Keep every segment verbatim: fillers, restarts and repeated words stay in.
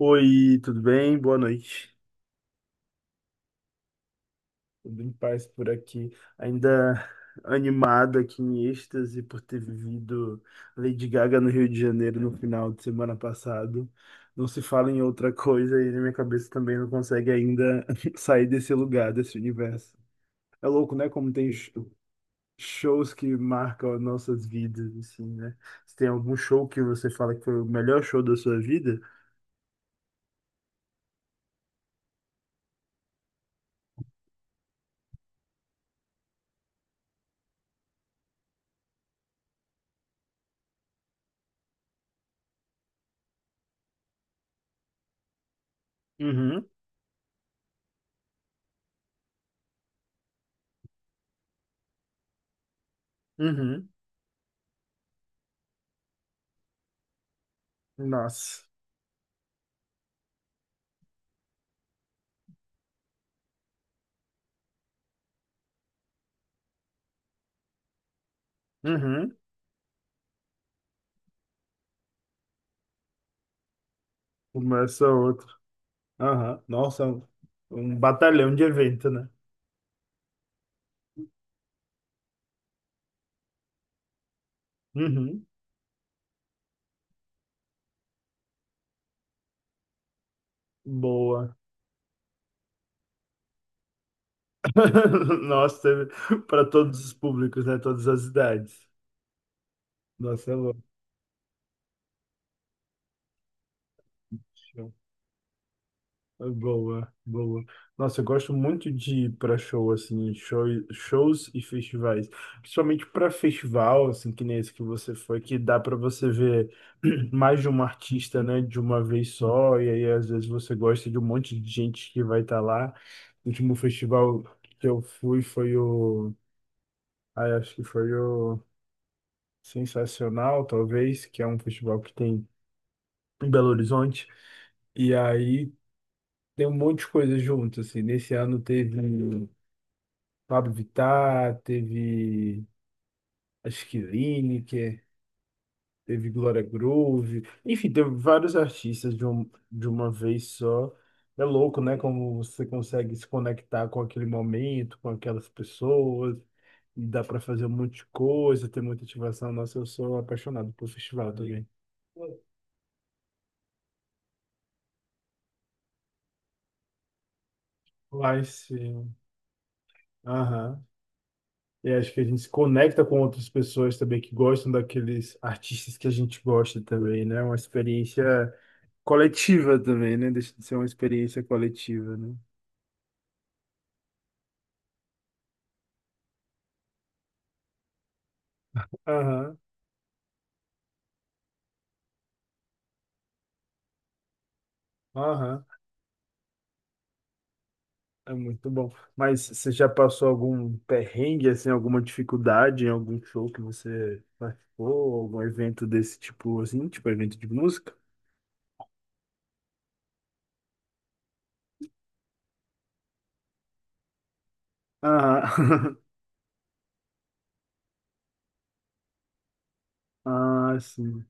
Oi, tudo bem? Boa noite. Tudo em paz por aqui. Ainda animado aqui em êxtase por ter vivido Lady Gaga no Rio de Janeiro no final de semana passado. Não se fala em outra coisa e na minha cabeça também não consegue ainda sair desse lugar, desse universo. É louco, né? Como tem sh- shows que marcam as nossas vidas, assim, né? Se tem algum show que você fala que foi o melhor show da sua vida? Uhum, uhum. Nossa. Uhum. Começa outro. Aham. Nossa, é um um batalhão de evento, né? Uhum. Boa. Nossa, para todos os públicos, né? Todas as idades. Nossa, é louco. Boa, boa. Nossa, eu gosto muito de ir para show, assim, show, shows e festivais. Principalmente para festival, assim, que nem esse que você foi, que dá para você ver mais de um artista, né, de uma vez só. E aí, às vezes, você gosta de um monte de gente que vai estar lá. O último festival que eu fui foi o. Ai, acho que foi o Sensacional, talvez, que é um festival que tem em Belo Horizonte. E aí tem um monte de coisa junto, assim. Nesse ano teve. um Pablo Vittar, teve acho que Lineker, teve Glória Groove, enfim, teve vários artistas de, um, de uma vez só. É louco, né? Como você consegue se conectar com aquele momento, com aquelas pessoas, e dá para fazer um monte de coisa, ter muita ativação. Nossa, eu sou apaixonado por festival também. Lá em cima. Aham. E acho que a gente se conecta com outras pessoas também que gostam daqueles artistas que a gente gosta também, né? Uma experiência coletiva também, né? Deixa de ser uma experiência coletiva, né? Aham, aham. É muito bom. Mas você já passou algum perrengue, assim, alguma dificuldade em algum show que você participou, algum evento desse tipo, assim, tipo evento de música? Aham. Ah, sim.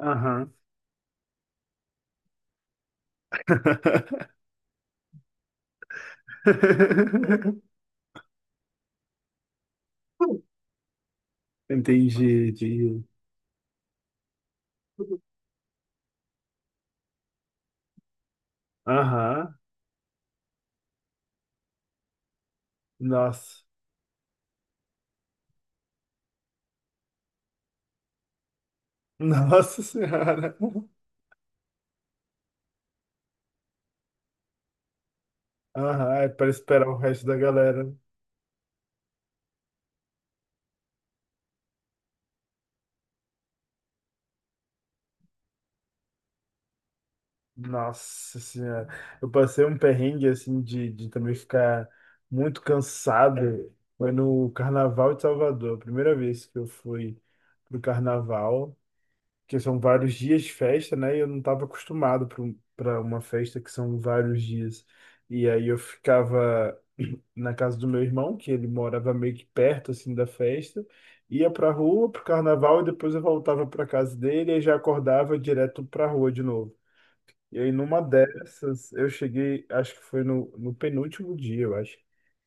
Aham. Entendi, entendi. Aham. Nossa. Nossa Senhora. Aham, é para esperar o resto da galera. Nossa Senhora. Eu passei um perrengue, assim, de, de também ficar muito cansado. Foi no Carnaval de Salvador, a primeira vez que eu fui pro Carnaval, que são vários dias de festa, né? E eu não estava acostumado para uma festa que são vários dias. E aí eu ficava. Na casa do meu irmão, que ele morava meio que perto assim da festa, ia pra rua pro carnaval e depois eu voltava pra casa dele e já acordava direto pra rua de novo. E aí, numa dessas, eu cheguei, acho que foi no, no penúltimo dia, eu acho.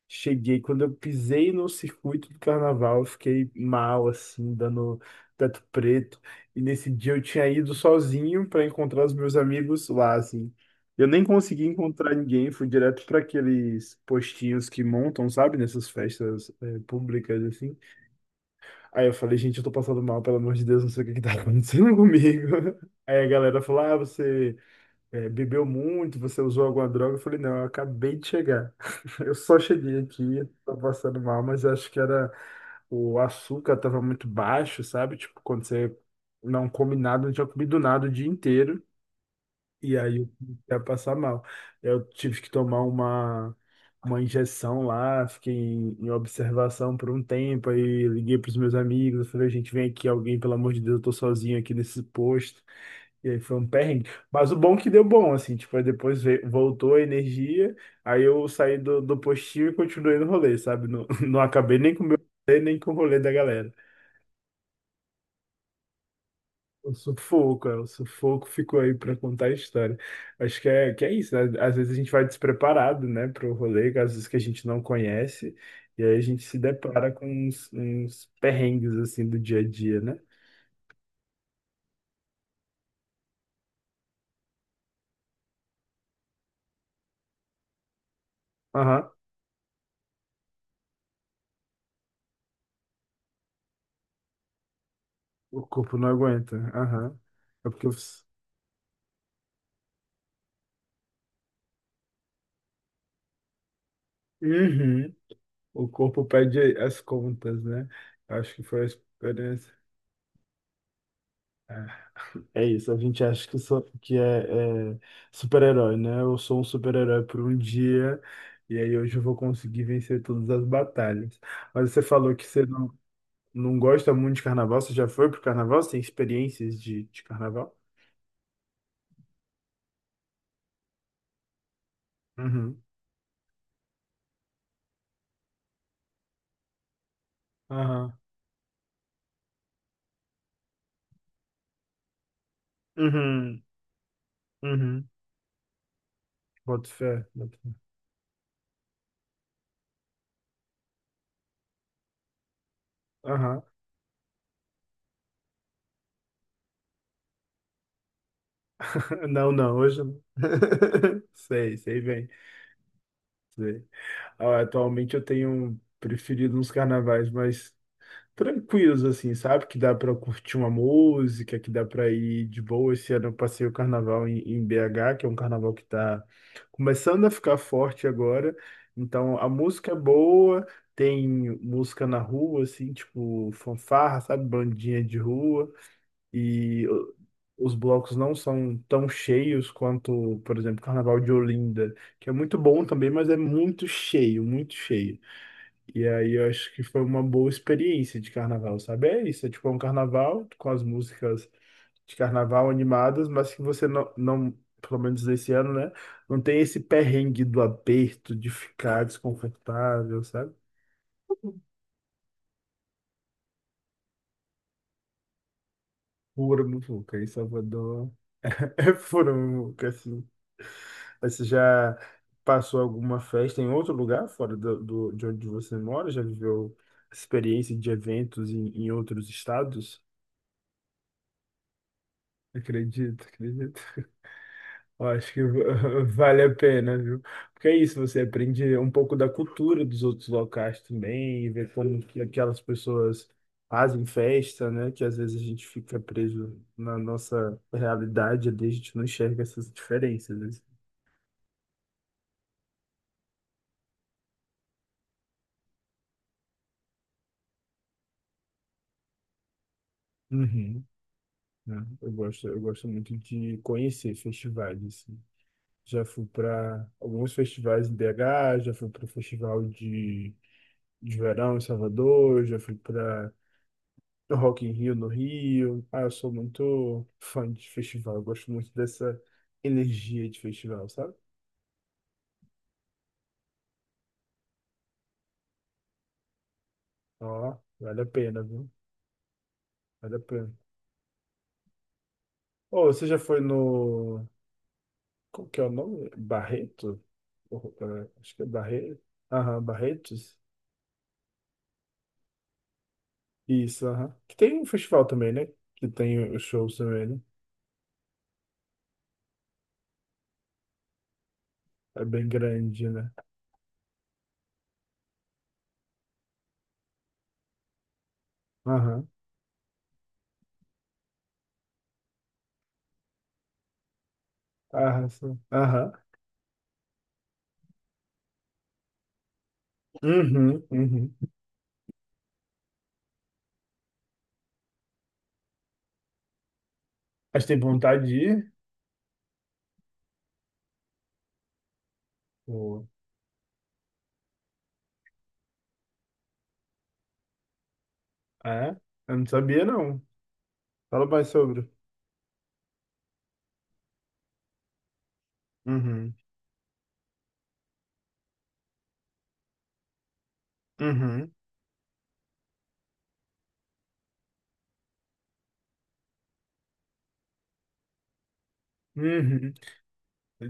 Cheguei, quando eu pisei no circuito do carnaval, eu fiquei mal, assim, dando teto preto. E nesse dia eu tinha ido sozinho para encontrar os meus amigos lá, assim. Eu nem consegui encontrar ninguém, fui direto para aqueles postinhos que montam, sabe, nessas festas eh, públicas, assim. Aí eu falei, gente, eu tô passando mal, pelo amor de Deus, não sei o que que tá acontecendo comigo. Aí a galera falou, ah, você é, bebeu muito, você usou alguma droga? Eu falei, não, eu acabei de chegar. Eu só cheguei aqui, tô passando mal, mas eu acho que era o açúcar tava muito baixo, sabe? Tipo, quando você não come nada, não tinha comido nada o dia inteiro, e aí eu comecei a passar mal. Eu tive que tomar uma, uma injeção lá, fiquei em, em observação por um tempo, aí liguei pros meus amigos, eu falei, gente, vem aqui alguém, pelo amor de Deus, eu tô sozinho aqui nesse posto. E aí foi um perrengue. Mas o bom é que deu bom, assim, tipo, aí depois veio- voltou a energia, aí eu saí do, do postinho e continuei no rolê, sabe? Não, não acabei nem com o meu rolê, nem com o rolê da galera. O sufoco, é, o sufoco ficou aí pra contar a história. Acho que é, que é isso, né? Às vezes a gente vai despreparado, né, pro rolê, às vezes que a gente não conhece, e aí a gente se depara com uns, uns perrengues, assim, do dia a dia, né? Aham, o corpo não aguenta, aham. É porque eu... Uhum. O corpo pede as contas, né? Acho que foi a experiência. Ah, é isso, a gente acha que, só, que é, é super-herói, né? Eu sou um super-herói por um dia, e aí hoje eu vou conseguir vencer todas as batalhas. Mas você falou que você não, não gosta muito de carnaval, você já foi pro carnaval? Você tem experiências de, de carnaval? Uhum. Aham. Uhum. Uhum. Boto fé. Boto fé. Aham. Não, não, hoje não. Sei, sei bem. Sei. Ah, atualmente eu tenho preferido uns carnavais mais tranquilos, assim, sabe? Que dá pra curtir uma música, que dá pra ir de boa. Esse ano eu passei o carnaval em, em B H, que é um carnaval que tá começando a ficar forte agora. Então a música é boa, tem música na rua, assim, tipo fanfarra, sabe? Bandinha de rua e o- os blocos não são tão cheios quanto, por exemplo, o Carnaval de Olinda, que é muito bom também, mas é muito cheio, muito cheio. E aí eu acho que foi uma boa experiência de carnaval, sabe? É isso, é tipo é um carnaval com as músicas de carnaval animadas, mas que você não, não, pelo menos esse ano, né? Não tem esse perrengue do aperto, de ficar desconfortável, sabe? Pura muvuca em Salvador. Foram, nunca, assim. Mas você já passou alguma festa em outro lugar, fora do, do- de onde você mora? Já viveu experiência de eventos em, em outros estados? Acredito, acredito. Eu acho que va- vale a pena, viu? Porque é isso, você aprende um pouco da cultura dos outros locais também, e ver como que aquelas pessoas fazem festa, né? Que às vezes a gente fica preso na nossa realidade, ali a gente não enxerga essas diferenças. Né? Uhum. Né? Eu gosto, eu gosto muito de conhecer festivais, assim. Já fui para alguns festivais em B H, já fui para o Festival de, de Verão em Salvador, já fui para Rock in Rio no Rio. Ah, eu sou muito fã de festival, eu gosto muito dessa energia de festival, sabe? Ó, vale a pena, viu? Vale a pena. Ô, você já foi no... Qual que é o nome? Barreto? Oh, é, acho que é Barreto. Aham, Barretos? Isso, aham. Que tem um festival também, né? Que tem os shows também, né? É bem grande, né? Aham. Aham. Sim. Aham. Uhum, uhum. Mas tem vontade de ir? Pô, é? Eu não sabia, não. Fala mais sobre. Uhum. Uhum. Uhum.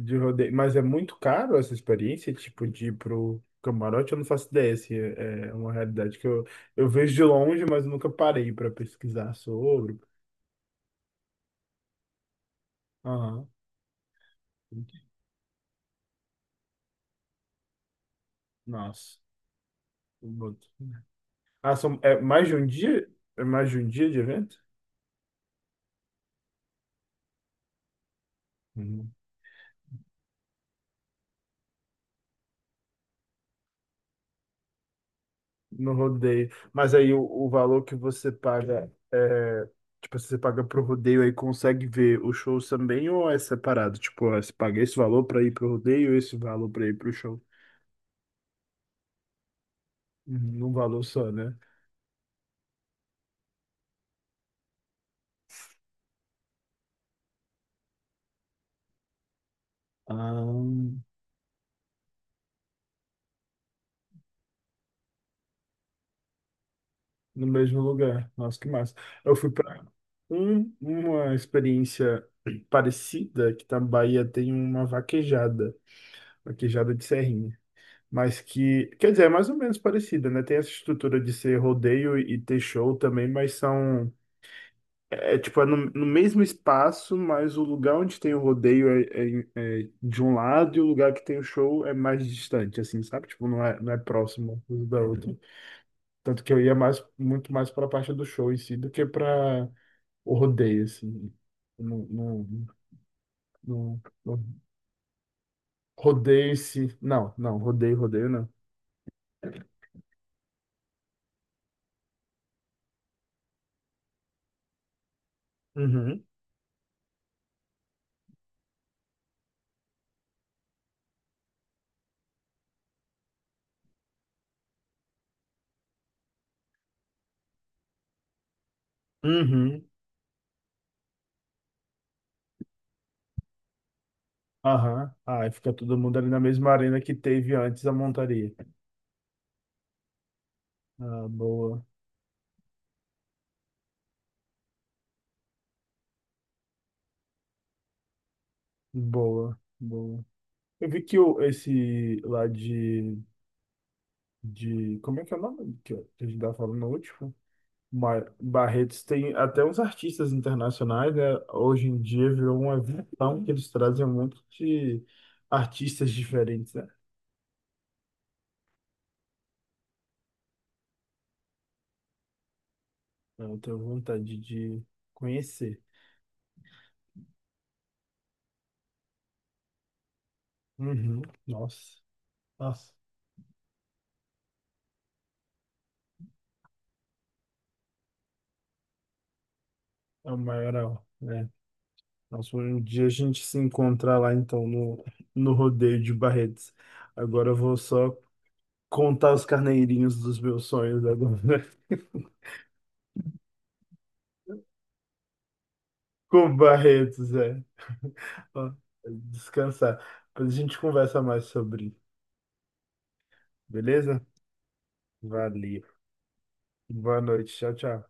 De rodeio. Mas é muito caro essa experiência, tipo, de ir pro camarote? Eu não faço ideia se é é uma realidade que eu, eu vejo de longe, mas nunca parei pra pesquisar sobre. Aham. Nossa. Ah, são, é mais de um dia? É mais de um dia de evento? Uhum. No rodeio. Mas aí o, o valor que você paga é. Tipo, se você paga pro rodeio aí consegue ver os shows também ou é separado? Tipo, ó, você paga esse valor pra ir pro rodeio, esse valor pra ir pro show. Uhum, num valor só, né? Ah, no mesmo lugar. Nossa, que massa. Eu fui pra um, uma experiência parecida, que tá na Bahia tem uma vaquejada, vaquejada de serrinha. Mas que, quer dizer, é mais ou menos parecida, né? Tem essa estrutura de ser rodeio e ter show também, mas são, é é, tipo, é no, no mesmo espaço, mas o lugar onde tem o rodeio é, é- é de um lado e o lugar que tem o show é mais distante, assim, sabe? Tipo, não é, não é próximo um da outra. Tanto que eu ia mais, muito mais para a parte do show em si do que para o rodeio, assim. Não, não, não, não. Rodeio-se. Não, não, rodeio, rodeio não. Uhum. Uhum. Aham. Aí fica todo mundo ali na mesma arena que teve antes a montaria. Ah, boa, boa, boa. Eu vi que o, esse lá de, de. Como é que é o nome que a gente tava falando no último? Mar- Barretos tem até uns artistas internacionais, né? Hoje em dia virou uma visão que eles trazem um monte de artistas diferentes, né? Então, eu tenho vontade de conhecer. Uhum. Nossa, nossa, é o maior, né? Nossa, um dia a gente se encontrar lá então no, no rodeio de Barretos. Agora eu vou só contar os carneirinhos dos meus sonhos agora. Com Barretos, é. Ó, descansar. Depois a gente conversa mais sobre, beleza? Valeu. Boa noite. Tchau, tchau.